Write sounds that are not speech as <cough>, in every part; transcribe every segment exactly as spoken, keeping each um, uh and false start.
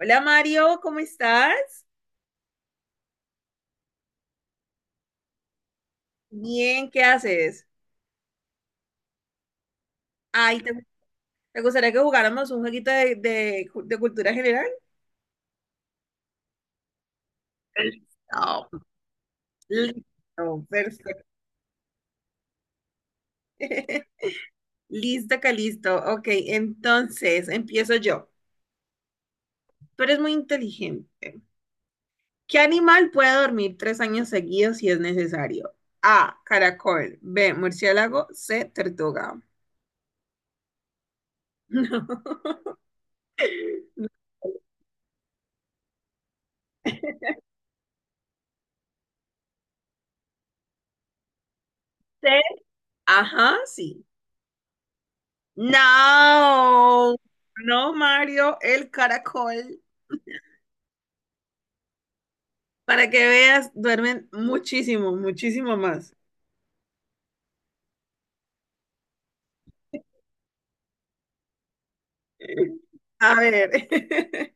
Hola Mario, ¿cómo estás? Bien, ¿qué haces? Ay, ¿te, te gustaría que jugáramos un jueguito de, de cu- de cultura general? Listo, listo, perfecto. <laughs> Listo, Calisto, listo. Ok, entonces empiezo yo. Tú eres muy inteligente. ¿Qué animal puede dormir tres años seguidos si es necesario? A, caracol. B, murciélago. C, tortuga. <laughs> No. C, ajá, sí. No, no, Mario, el caracol. Para que veas, duermen muchísimo, muchísimo más. A ver. <laughs>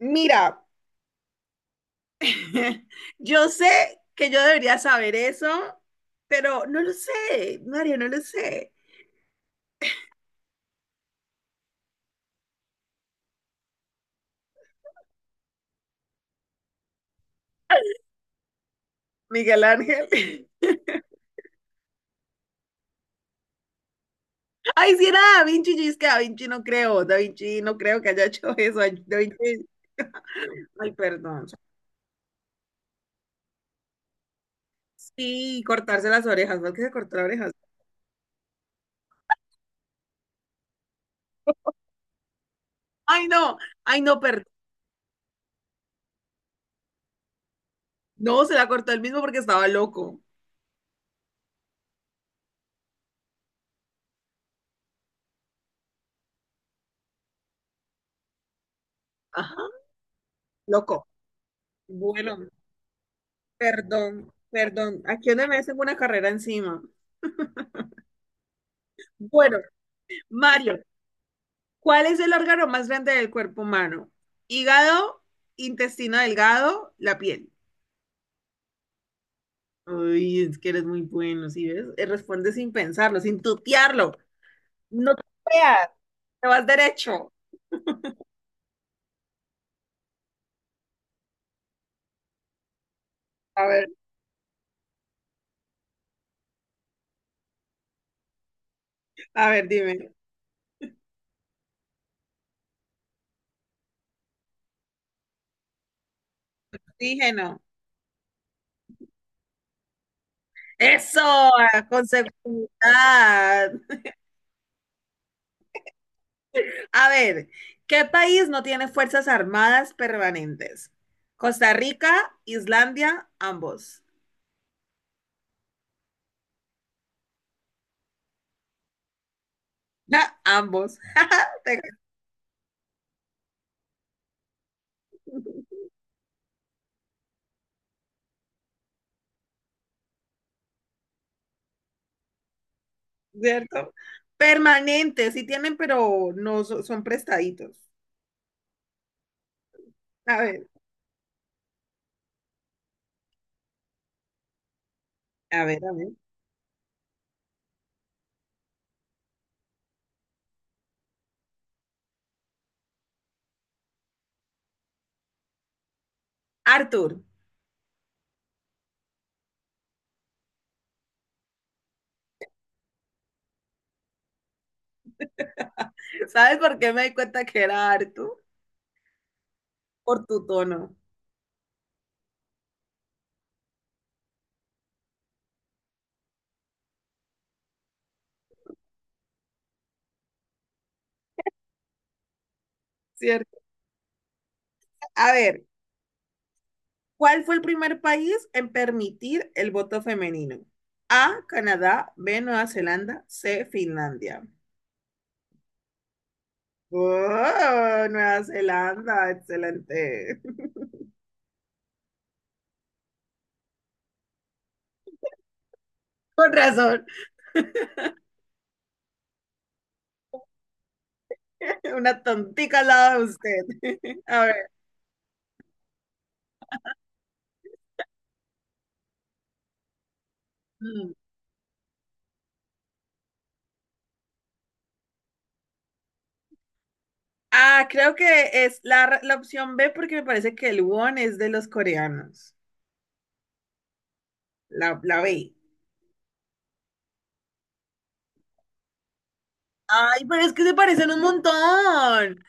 Mira, <laughs> yo sé que yo debería saber eso, pero no lo sé, Mario, no lo sé. Miguel Ángel. <laughs> Ay, si era Da Vinci, yo es que Da Vinci no creo, Da Vinci no creo que haya hecho <laughs> eso. Ay, Da Vinci, ay, perdón. Sí, cortarse las orejas, ¿por qué se cortó las orejas? Ay, no, ay, no, perdón. No, se la cortó él mismo porque estaba loco. Ajá, loco. Bueno, perdón, perdón. Aquí donde me hacen una carrera encima. Bueno, Mario, ¿cuál es el órgano más grande del cuerpo humano? Hígado, intestino delgado, la piel. Uy, es que eres muy bueno, ¿sí ves? Eh, Responde sin pensarlo, sin tutearlo. No te veas, te vas derecho. A ver, a ver, dime. Oxígeno. Eso, con seguridad. A ver, ¿qué país no tiene fuerzas armadas permanentes? Costa Rica, Islandia, ambos. <laughs> Ja, ambos. <laughs> Te- ¿Cierto? Permanentes, sí tienen, pero no so- son prestaditos. A ver, a ver, a ver. Arthur, ¿sabes por qué me di cuenta que era Arthur? Por tu tono, ¿cierto? A ver, ¿cuál fue el primer país en permitir el voto femenino? A, Canadá, B, Nueva Zelanda, C, Finlandia. Oh, Nueva Zelanda, excelente. <laughs> Con razón, <laughs> una tontica al lado de usted. <laughs> A ver. mm. Ah, creo que es la, la opción B porque me parece que el won es de los coreanos. La, la B. Ay, pero es que se parecen un montón.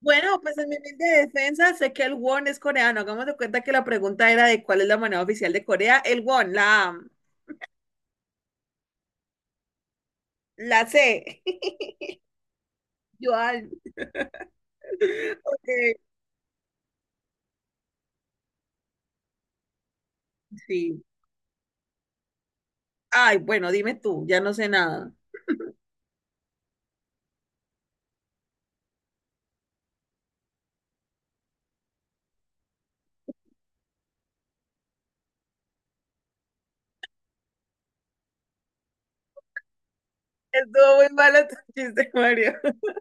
Bueno, pues en mi humilde defensa sé que el won es coreano. Hagamos de cuenta que la pregunta era de cuál es la moneda oficial de Corea. El won, la, A, la C. <laughs> Yuan. <laughs> Ok, sí. Ay, bueno, dime tú, ya no sé nada. Estuvo muy malo tu chiste, Mario. <laughs>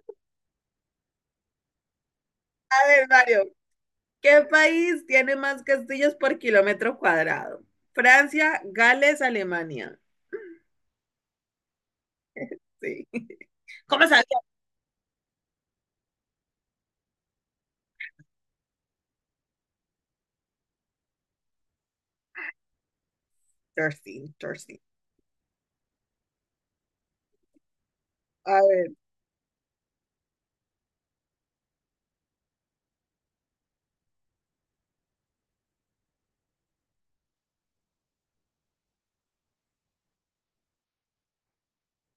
A ver, Mario, ¿qué país tiene más castillos por kilómetro cuadrado? Francia, Gales, Alemania. Sí. <laughs> ¿Cómo sabía? Thirsty, thirsty. A ver,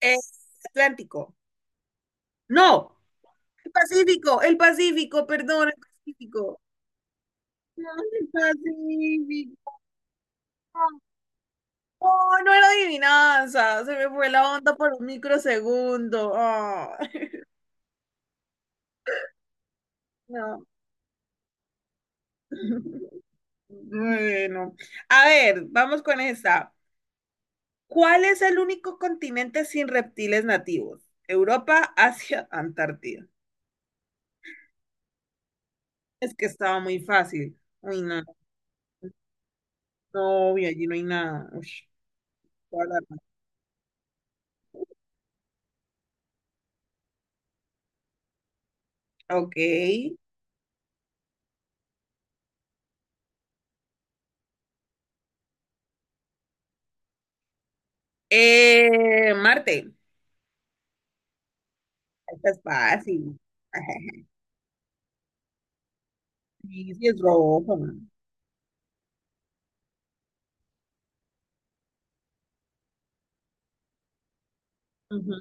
es Atlántico. No, el Pacífico, el Pacífico, perdón, el Pacífico. No, el Pacífico. Oh, no era adivinanza, se me fue la onda por un microsegundo. Ah, <laughs> no. <laughs> Bueno, a ver, vamos con esta. ¿Cuál es el único continente sin reptiles nativos? Europa, Asia, <laughs> Antártida. Es que estaba muy fácil. Uy, no, no, y allí no hay nada. Ush, toda la razón. Ok. Eh, Marte, esta es fácil. <laughs> Sí, sí, es rojo. Ujú.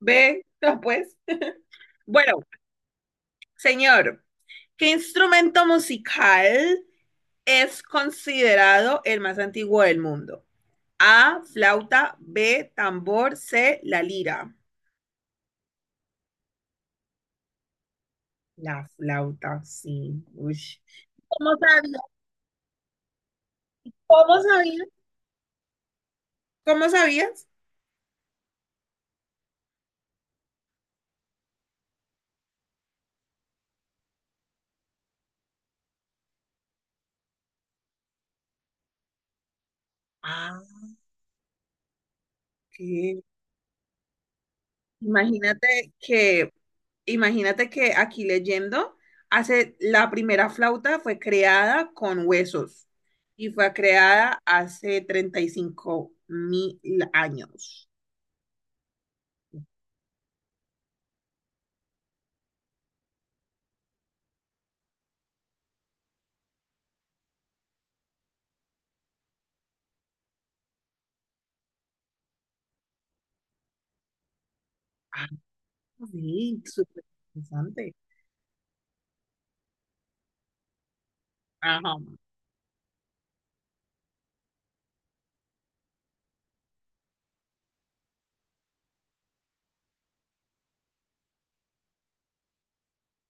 Ve, no, pues. Bueno, señor, ¿qué instrumento musical es considerado el más antiguo del mundo? A, flauta, B, tambor, C, la lira. La flauta, sí. Ush. ¿Cómo sabías? ¿Cómo sabías? ¿Cómo sabías? Ah, qué. Imagínate que, imagínate que aquí leyendo, hace, la primera flauta fue creada con huesos y fue creada hace treinta y cinco mil años. Ah, sí, súper interesante. Ajá.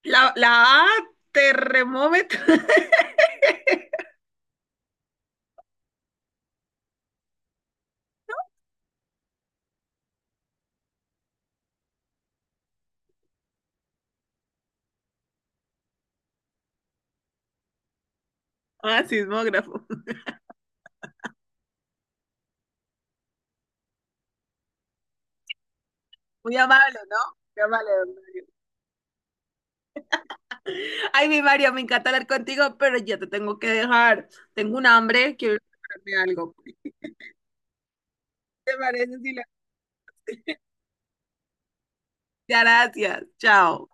La, la A, terremómetro. <laughs> Ah, sismógrafo. Muy amable, ¿no? Muy amable, don Mario. Ay, mi Mario, me encanta hablar contigo, pero ya te tengo que dejar. Tengo un hambre, quiero prepararme algo. ¿Te parece si la- Gracias, chao.